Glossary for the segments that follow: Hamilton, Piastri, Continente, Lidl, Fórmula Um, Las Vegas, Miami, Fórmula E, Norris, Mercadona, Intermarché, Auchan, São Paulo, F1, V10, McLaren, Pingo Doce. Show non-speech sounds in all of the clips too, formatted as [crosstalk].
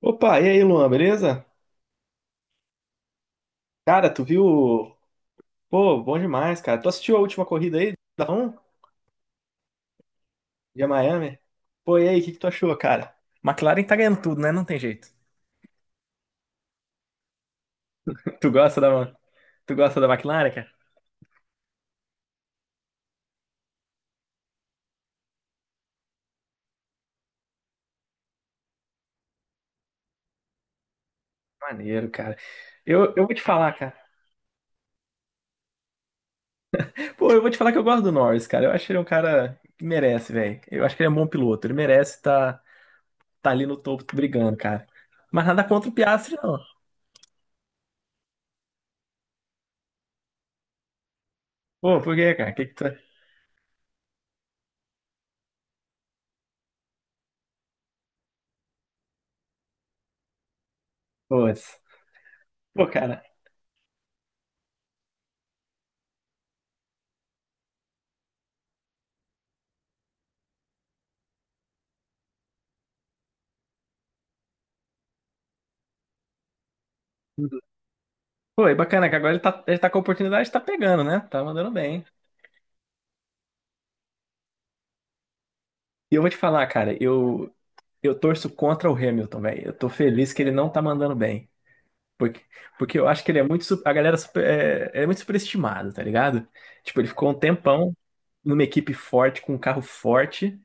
Opa, e aí, Luan, beleza? Cara, tu viu? Pô, bom demais, cara. Tu assistiu a última corrida aí da F1 de Miami? Pô, e aí, o que que tu achou, cara? McLaren tá ganhando tudo, né? Não tem jeito. [laughs] Tu gosta da, tu gosta da McLaren, cara? Maneiro, cara. Eu vou te falar, cara. Pô, eu vou te falar que eu gosto do Norris, cara. Eu acho que ele é um cara que merece, velho. Eu acho que ele é um bom piloto. Ele merece estar tá, tá ali no topo brigando, cara. Mas nada contra o Piastri, não. Pô, por quê, cara? O que que tu... Pô, pô, cara. Pô, é bacana que agora ele tá com a oportunidade, tá pegando, né? Tá mandando bem. E eu vou te falar, cara, eu torço contra o Hamilton, velho. Eu tô feliz que ele não tá mandando bem. Porque, porque eu acho que ele é muito. Su- A galera super- é, é muito superestimada, tá ligado? Tipo, ele ficou um tempão numa equipe forte, com um carro forte.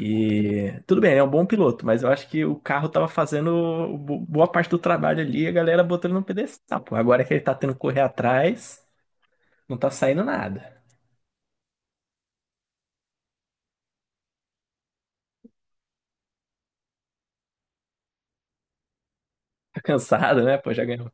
E tudo bem, ele é um bom piloto, mas eu acho que o carro tava fazendo bo- boa parte do trabalho ali e a galera botando no pedestal, pô. Agora que ele tá tendo que correr atrás, não tá saindo nada. Tá cansado, né? Pô, já ganhou.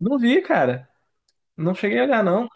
Não vi, cara. Não cheguei a olhar, não.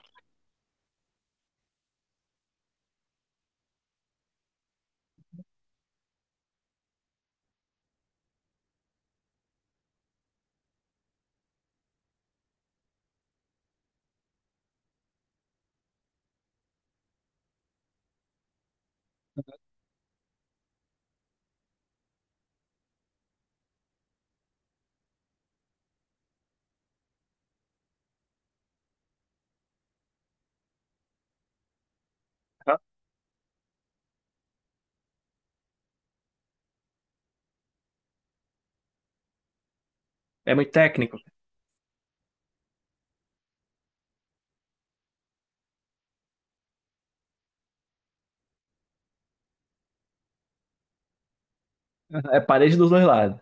É muito técnico. É parede dos dois lados.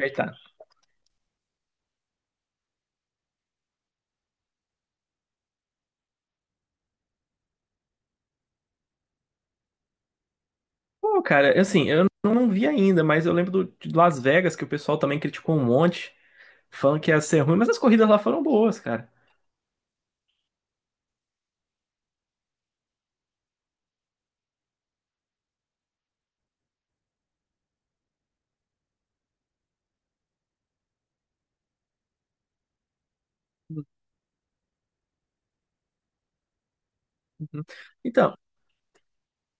Aí tá. Pô, cara, assim, eu não vi ainda, mas eu lembro do, de Las Vegas, que o pessoal também criticou um monte, falando que ia ser ruim, mas as corridas lá foram boas, cara. Uhum. Então,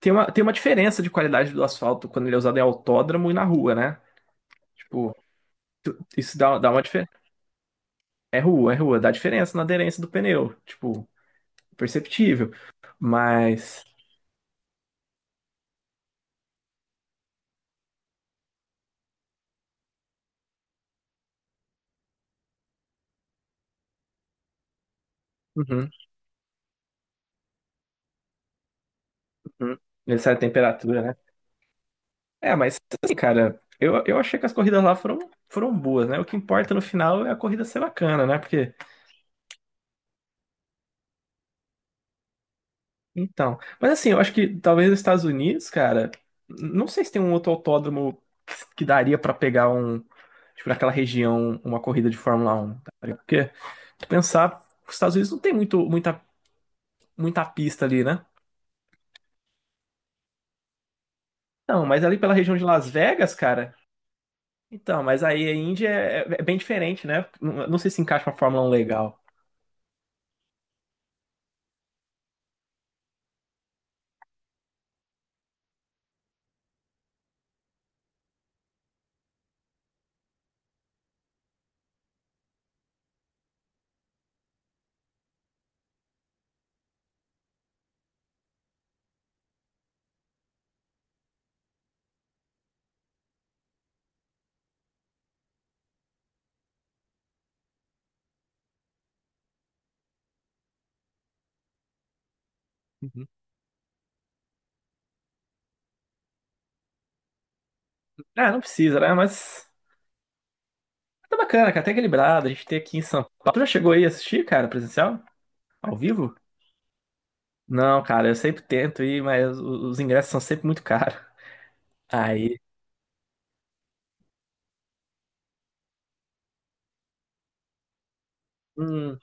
tem uma, tem uma diferença de qualidade do asfalto quando ele é usado em autódromo e na rua, né? Tipo, isso dá, dá uma diferença. É rua, dá diferença na aderência do pneu. Tipo, perceptível. Mas. Uhum, uhum. Ele sai a temperatura, né? É, mas assim, cara, eu achei que as corridas lá foram, foram boas, né? O que importa no final é a corrida ser bacana, né? Porque então, mas assim, eu acho que talvez nos Estados Unidos, cara, não sei se tem um outro autódromo que daria pra pegar um, tipo, naquela região, uma corrida de Fórmula Um, tá ligado? Porque, se pensar, os Estados Unidos não tem muito, muita, muita pista ali, né? Não, mas ali pela região de Las Vegas, cara, então, mas aí a Índia é, é é bem diferente, né? Não, não sei se encaixa uma Fórmula Um legal. Ah, não precisa, né? Mas tá bacana, cara, até equilibrado. A gente tem aqui em São Paulo. Tu já chegou aí a assistir, cara, presencial? Ao vivo? Não, cara, eu sempre tento ir, mas os ingressos são sempre muito caros. Aí, hum,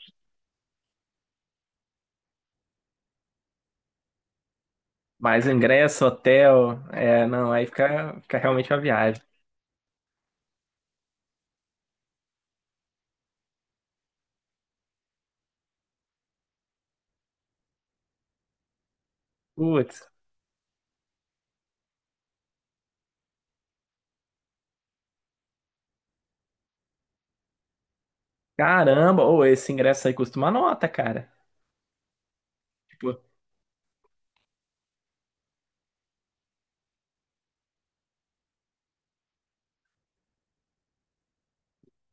mais ingresso, hotel, é, não, aí fica, fica realmente uma viagem. Putz, caramba, ou esse ingresso aí custa uma nota, cara. Tipo,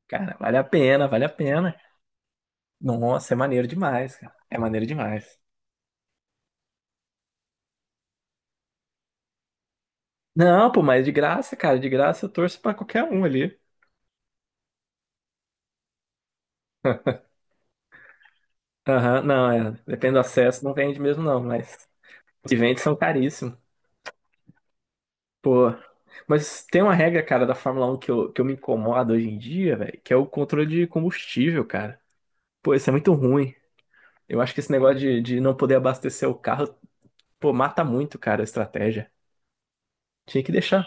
cara, vale a pena, vale a pena. Nossa, é maneiro demais, cara. É maneiro demais. Não, pô, mas de graça, cara, de graça eu torço pra qualquer um ali. Aham, não, é. Depende do acesso, não vende mesmo, não, mas os que vende são caríssimos. Pô. Mas tem uma regra, cara, da Fórmula Um que eu me incomodo hoje em dia, velho, que é o controle de combustível, cara. Pô, isso é muito ruim. Eu acho que esse negócio de não poder abastecer o carro, pô, mata muito, cara, a estratégia. Tinha que deixar.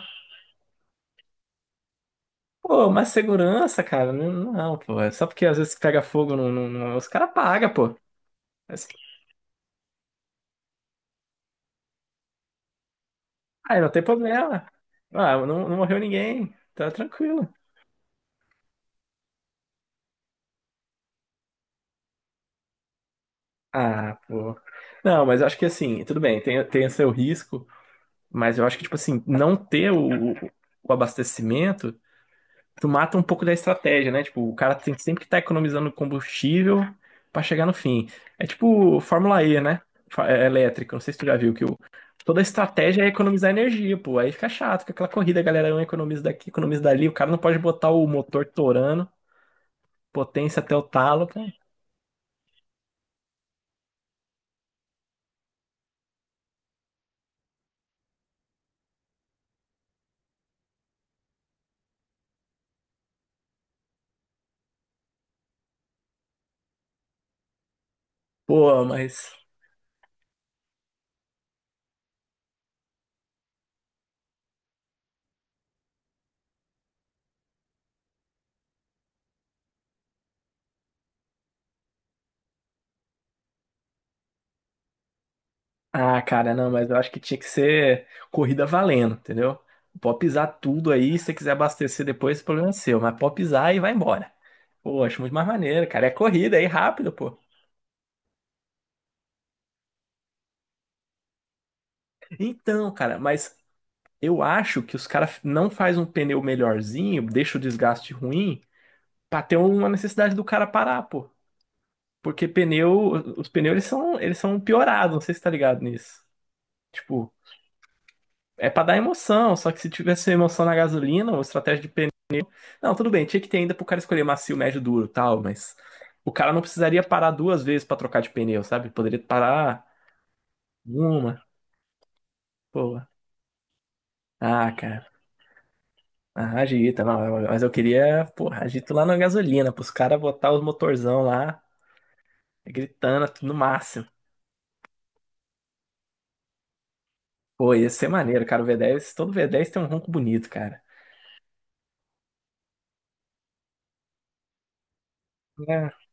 Pô, mais segurança, cara. Não, não, pô. É só porque às vezes pega fogo, não, não- não- os caras pagam, pô. Mas, ah, não tem problema. Ah, não, não morreu ninguém. Tá tranquilo. Ah, pô. Não, mas eu acho que assim, tudo bem, tem, tem seu risco, mas eu acho que, tipo assim, não ter o abastecimento, tu mata um pouco da estratégia, né? Tipo, o cara tem sempre que estar economizando combustível pra chegar no fim. É tipo Fórmula E, né? Fa- É elétrica, não sei se tu já viu que o, toda a estratégia é economizar energia, pô. Aí fica chato, fica aquela corrida, a galera um economiza daqui, economiza dali, o cara não pode botar o motor torando, potência até o talo, pô, pô, mas. Ah, cara, não, mas eu acho que tinha que ser corrida valendo, entendeu? Pode pisar tudo aí, se você quiser abastecer depois, o problema é seu, mas pode pisar e vai embora. Pô, acho muito mais maneiro, cara. É corrida aí, rápido, pô. Então, cara, mas eu acho que os caras não faz um pneu melhorzinho, deixa o desgaste ruim, pra ter uma necessidade do cara parar, pô. Porque pneu, os pneus eles são piorados, não sei se tá ligado nisso. Tipo, é pra dar emoção, só que se tivesse emoção na gasolina, uma estratégia de pneu não, tudo bem, tinha que ter ainda pro cara escolher macio, médio, duro, e tal, mas o cara não precisaria parar duas vezes pra trocar de pneu, sabe? Poderia parar uma, pô. Ah, cara. Ah, agita, não, mas eu queria, porra, agito lá na gasolina, pros caras botar os motorzão lá, gritando tudo no máximo. Pô, ia ser maneiro, cara, o V10, todo V10 tem um ronco bonito, cara. É.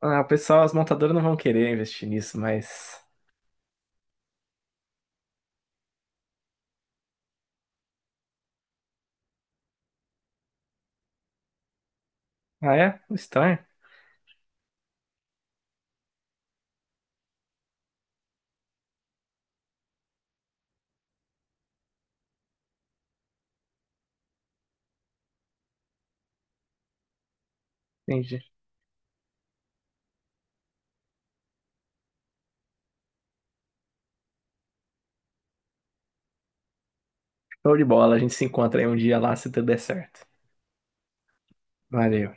Ah, o pessoal, as montadoras não vão querer investir nisso, mas... Ah, é? Estranho? Entendi. Show de bola, a gente se encontra aí um dia lá, se tudo der certo. Valeu.